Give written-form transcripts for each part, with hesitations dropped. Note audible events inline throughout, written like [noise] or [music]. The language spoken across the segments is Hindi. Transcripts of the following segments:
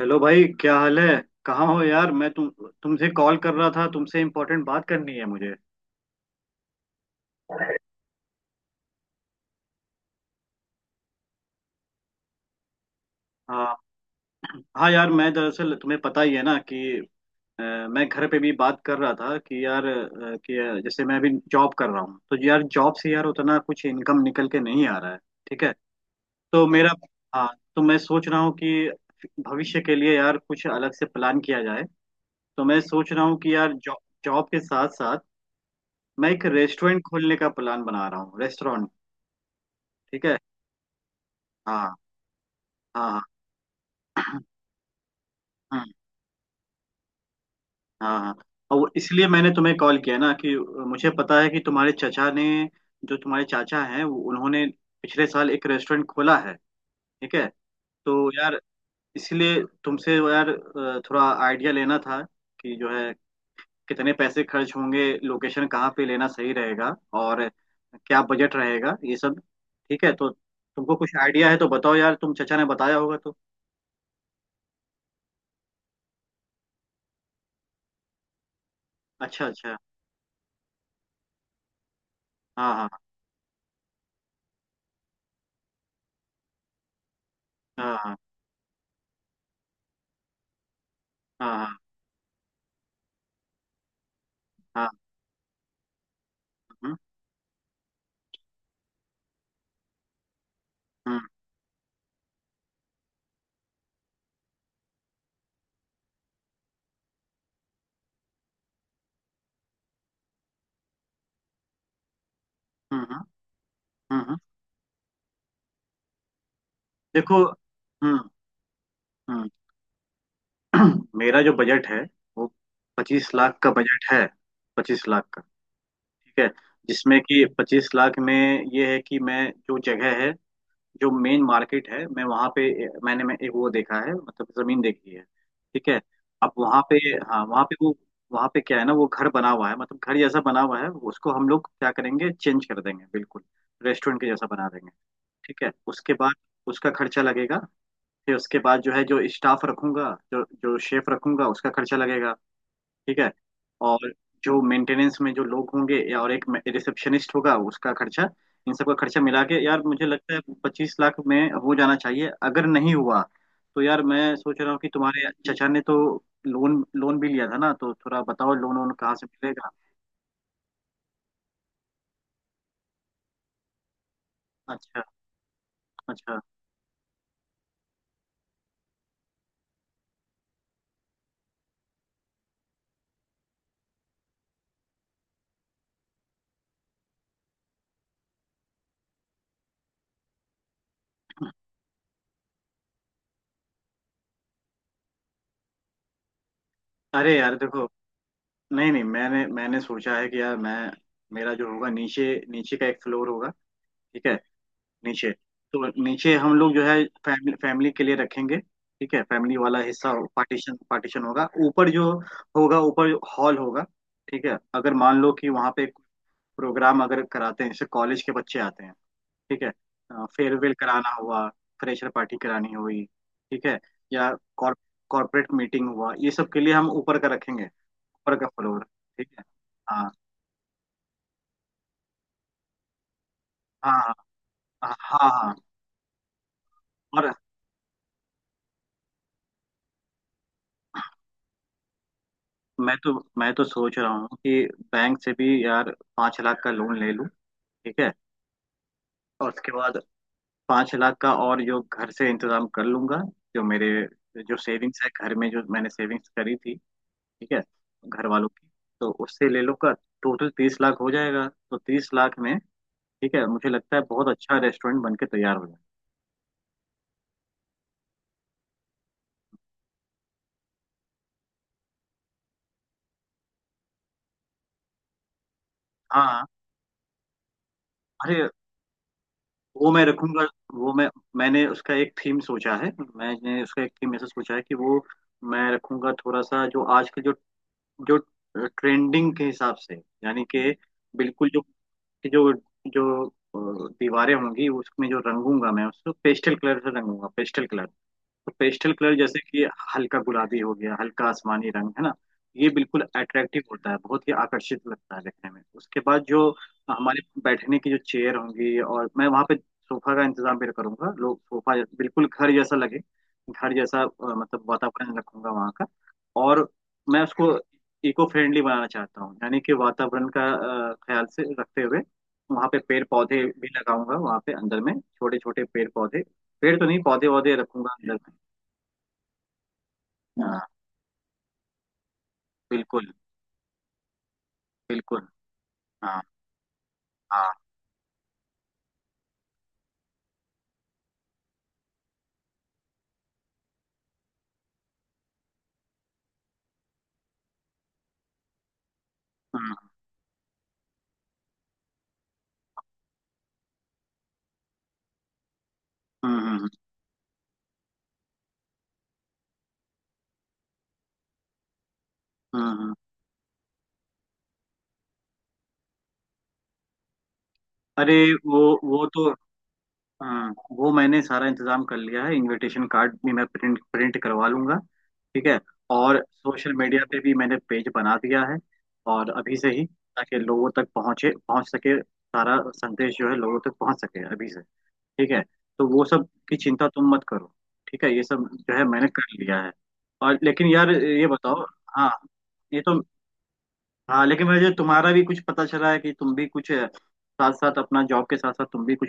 हेलो भाई, क्या हाल है। कहाँ हो यार। मैं तुमसे कॉल कर रहा था, तुमसे इम्पोर्टेंट बात करनी है मुझे। हाँ। हाँ यार, मैं दरअसल तुम्हें पता ही है ना कि अ, मैं घर पे भी बात कर रहा था कि यार जैसे मैं अभी जॉब कर रहा हूँ, तो यार जॉब से यार उतना कुछ इनकम निकल के नहीं आ रहा है। ठीक है। तो मेरा, हाँ। तो मैं सोच रहा हूँ कि भविष्य के लिए यार कुछ अलग से प्लान किया जाए। तो मैं सोच रहा हूँ कि यार जॉब जॉब के साथ साथ मैं एक रेस्टोरेंट खोलने का प्लान बना रहा हूँ। रेस्टोरेंट। ठीक है। हाँ। हाँ। हाँ। [clears throat] हाँ। हाँ। हाँ। और वो इसलिए मैंने तुम्हें कॉल किया ना, कि मुझे पता है कि तुम्हारे चचा ने, जो तुम्हारे चाचा हैं, उन्होंने पिछले साल एक रेस्टोरेंट खोला है। ठीक है। तो यार, इसलिए तुमसे यार थोड़ा आइडिया लेना था, कि जो है कितने पैसे खर्च होंगे, लोकेशन कहाँ पे लेना सही रहेगा और क्या बजट रहेगा, ये सब। ठीक है। तो तुमको कुछ आइडिया है तो बताओ यार, तुम चचा ने बताया होगा तो। अच्छा। अच्छा। हाँ। हाँ। हाँ। हाँ। हाँ। हाँ। हाँ। हाँ। हम्म। हम्म। हम्म। देखो। हम्म। हम्म। [clears throat] मेरा जो बजट है वो 25 लाख का बजट है। 25 लाख का। ठीक है। जिसमें कि 25 लाख में ये है कि मैं जो जगह है, जो मेन मार्केट है, मैं वहाँ पे मैंने मैं एक वो देखा है, मतलब जमीन देखी है। ठीक है। अब वहाँ पे, हाँ वहाँ पे वो वहाँ पे क्या है ना, वो घर बना हुआ है, मतलब घर जैसा बना हुआ है। उसको हम लोग क्या करेंगे, चेंज कर देंगे बिल्कुल। रेस्टोरेंट के जैसा बना देंगे। ठीक है। उसके बाद उसका खर्चा लगेगा। फिर उसके बाद जो है, जो स्टाफ रखूंगा, जो जो शेफ रखूंगा, उसका खर्चा लगेगा। ठीक है। और जो मेंटेनेंस में जो लोग होंगे या और एक रिसेप्शनिस्ट होगा, उसका खर्चा, इन सब का खर्चा मिला के यार मुझे लगता है 25 लाख में हो जाना चाहिए। अगर नहीं हुआ तो यार मैं सोच रहा हूँ कि तुम्हारे चचा ने तो लोन लोन भी लिया था ना, तो थोड़ा बताओ लोन वोन कहाँ से मिलेगा। अच्छा। अच्छा। अरे यार देखो, नहीं नहीं, मैंने मैंने सोचा है कि यार मैं मेरा जो होगा, नीचे नीचे का एक फ्लोर होगा। ठीक है। नीचे। तो नीचे हम लोग जो है फैमिली फैमिली के लिए रखेंगे। ठीक है। फैमिली वाला हिस्सा पार्टीशन पार्टीशन होगा। ऊपर जो होगा ऊपर, हॉल होगा। ठीक है। अगर मान लो कि वहाँ पे प्रोग्राम अगर कराते हैं, जैसे कॉलेज के बच्चे आते हैं, ठीक है, फेयरवेल कराना हुआ, फ्रेशर पार्टी करानी हुई, ठीक है, या कॉर्पोरेट मीटिंग हुआ, ये सब के लिए हम ऊपर का रखेंगे, ऊपर का फ्लोर। ठीक है। हाँ। हाँ। हाँ। हाँ। हाँ। हाँ। और मैं तो मैं तो सोच रहा हूँ कि बैंक से भी यार 5 लाख का लोन ले लूँ। ठीक है। और उसके बाद 5 लाख का और जो घर से इंतजाम कर लूंगा, जो मेरे जो सेविंग्स है घर में, जो मैंने सेविंग्स करी थी। ठीक है। घर वालों की, तो उससे ले लूंगा। टोटल 30 लाख हो जाएगा। तो 30 लाख में ठीक है, मुझे लगता है बहुत अच्छा रेस्टोरेंट बन के तैयार हो जाएगा। हाँ। अरे वो मैं रखूंगा। वो मैं मैंने उसका एक थीम सोचा है मैंने उसका एक थीम ऐसा सोचा है कि वो मैं रखूंगा थोड़ा सा, जो आज के जो जो ट्रेंडिंग के हिसाब से, यानी कि बिल्कुल जो जो जो अ, दीवारें होंगी, उसमें जो रंगूंगा मैं उसको पेस्टल कलर से रंगूंगा। पेस्टल कलर, तो पेस्टल कलर जैसे कि हल्का गुलाबी हो गया, हल्का आसमानी रंग, है ना। ये बिल्कुल अट्रैक्टिव होता है, बहुत ही आकर्षित लगता है देखने में। उसके बाद जो हमारे बैठने की जो चेयर होंगी, और मैं वहाँ पे सोफा का इंतजाम भी करूंगा, लोग सोफा बिल्कुल घर जैसा लगे, घर जैसा, मतलब वातावरण रखूंगा वहाँ का। और मैं उसको इको फ्रेंडली बनाना चाहता हूँ, यानी कि वातावरण का ख्याल से रखते हुए वहाँ पे पेड़ पौधे भी लगाऊंगा, वहाँ पे अंदर में छोटे छोटे पेड़ पौधे, पेड़ तो नहीं पौधे वौधे रखूंगा अंदर में। हाँ। बिल्कुल। बिल्कुल। हाँ। हाँ। हम्म। हम्म। हम्म। हम्म। हम्म। हम्म। अरे, वो तो, हाँ, वो मैंने सारा इंतजाम कर लिया है। इनविटेशन कार्ड भी मैं प्रिंट प्रिंट करवा लूंगा। ठीक है। और सोशल मीडिया पे भी मैंने पेज बना दिया है, और अभी से ही, ताकि लोगों तक पहुंच सके, सारा संदेश जो है लोगों तक पहुंच सके अभी से। ठीक है। तो वो सब की चिंता तुम मत करो। ठीक है, ये सब जो है मैंने कर लिया है। और लेकिन यार, ये बताओ, हाँ ये तो, हाँ लेकिन मुझे तुम्हारा भी कुछ पता चला है कि तुम भी कुछ साथ साथ अपना जॉब के साथ साथ, तुम भी कुछ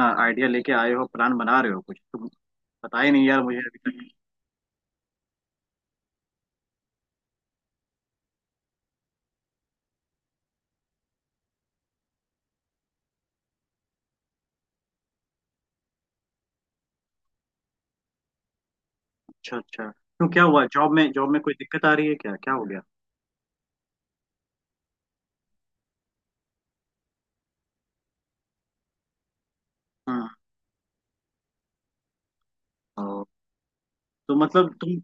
आइडिया लेके आए हो, प्लान बना रहे हो कुछ तुम। पता ही नहीं यार मुझे अभी तक। अच्छा। अच्छा। क्यों, क्या हुआ, जॉब में कोई दिक्कत आ रही है, क्या क्या हो गया। हम्म। ओ, तो मतलब तुम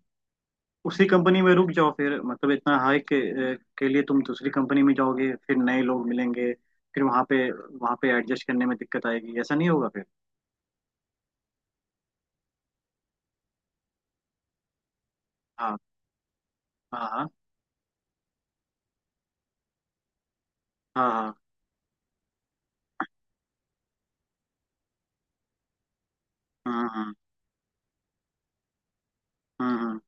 उसी कंपनी में रुक जाओ फिर, मतलब इतना हाई के लिए तुम दूसरी कंपनी में जाओगे, फिर नए लोग मिलेंगे, फिर वहाँ पे एडजस्ट करने में दिक्कत आएगी, ऐसा नहीं होगा फिर। हाँ। हाँ। हाँ। हाँ। हाँ। हम्म। हम्म।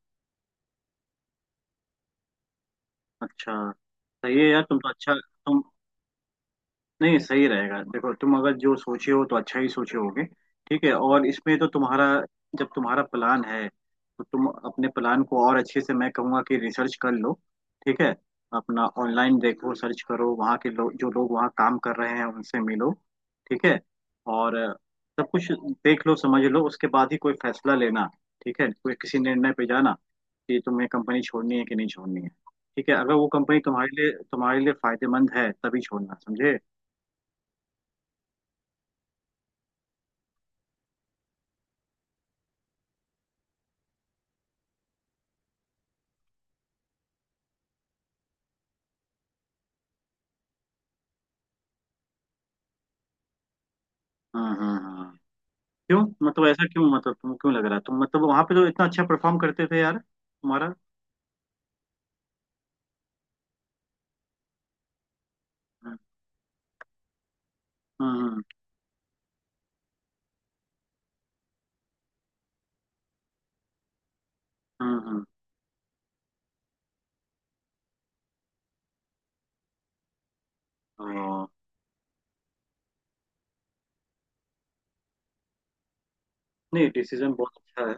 अच्छा सही है यार, तुम तो अच्छा तुम, नहीं सही रहेगा। देखो तुम अगर जो सोचे हो तो अच्छा ही सोचे होगे। ठीक है। और इसमें तो तुम्हारा, जब तुम्हारा प्लान है तो तुम अपने प्लान को और अच्छे से, मैं कहूँगा कि रिसर्च कर लो। ठीक है। अपना ऑनलाइन देखो, सर्च करो, वहाँ के लोग, जो लोग वहाँ काम कर रहे हैं उनसे मिलो। ठीक है। और सब कुछ देख लो, समझ लो, उसके बाद ही कोई फैसला लेना। ठीक है, कोई किसी निर्णय पे जाना कि तुम्हें कंपनी छोड़नी है कि नहीं छोड़नी है। ठीक है। अगर वो कंपनी तुम्हारे लिए फायदेमंद है तभी छोड़ना, समझे। हाँ। हाँ। हाँ। हाँ। क्यों, मतलब ऐसा क्यों, मतलब तुम क्यों लग रहा तुम मतलब वहां पे तो इतना अच्छा परफॉर्म करते थे यार, तुम्हारा। हम्म। हम्म। हम्म। हम्म। ओ, नहीं डिसीजन बहुत अच्छा है,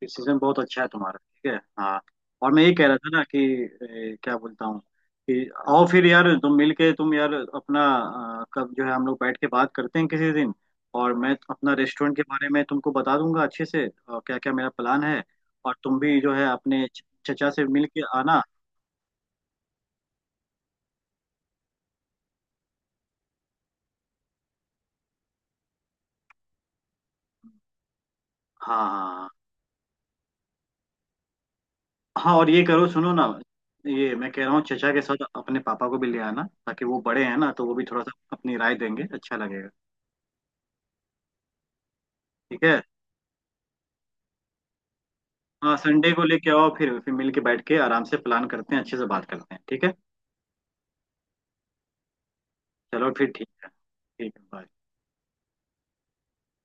डिसीजन बहुत अच्छा है तुम्हारा। ठीक है। हाँ। और मैं ये कह रहा था ना कि ए, क्या बोलता हूँ, कि आओ फिर यार तुम मिल के, तुम यार अपना कब जो है हम लोग बैठ के बात करते हैं किसी दिन, और मैं अपना रेस्टोरेंट के बारे में तुमको बता दूंगा अच्छे से और क्या क्या मेरा प्लान है। और तुम भी जो है अपने चचा से मिल के आना। हाँ। हाँ। हाँ। हाँ और ये करो सुनो ना, ये मैं कह रहा हूँ चचा के साथ अपने पापा को भी ले आना ताकि वो बड़े हैं ना, तो वो भी थोड़ा सा अपनी राय देंगे, अच्छा लगेगा। ठीक है। हाँ संडे को लेके आओ, फिर मिल के बैठ के आराम से प्लान करते हैं, अच्छे से बात करते हैं। ठीक है। चलो फिर, ठीक है, ठीक है bye।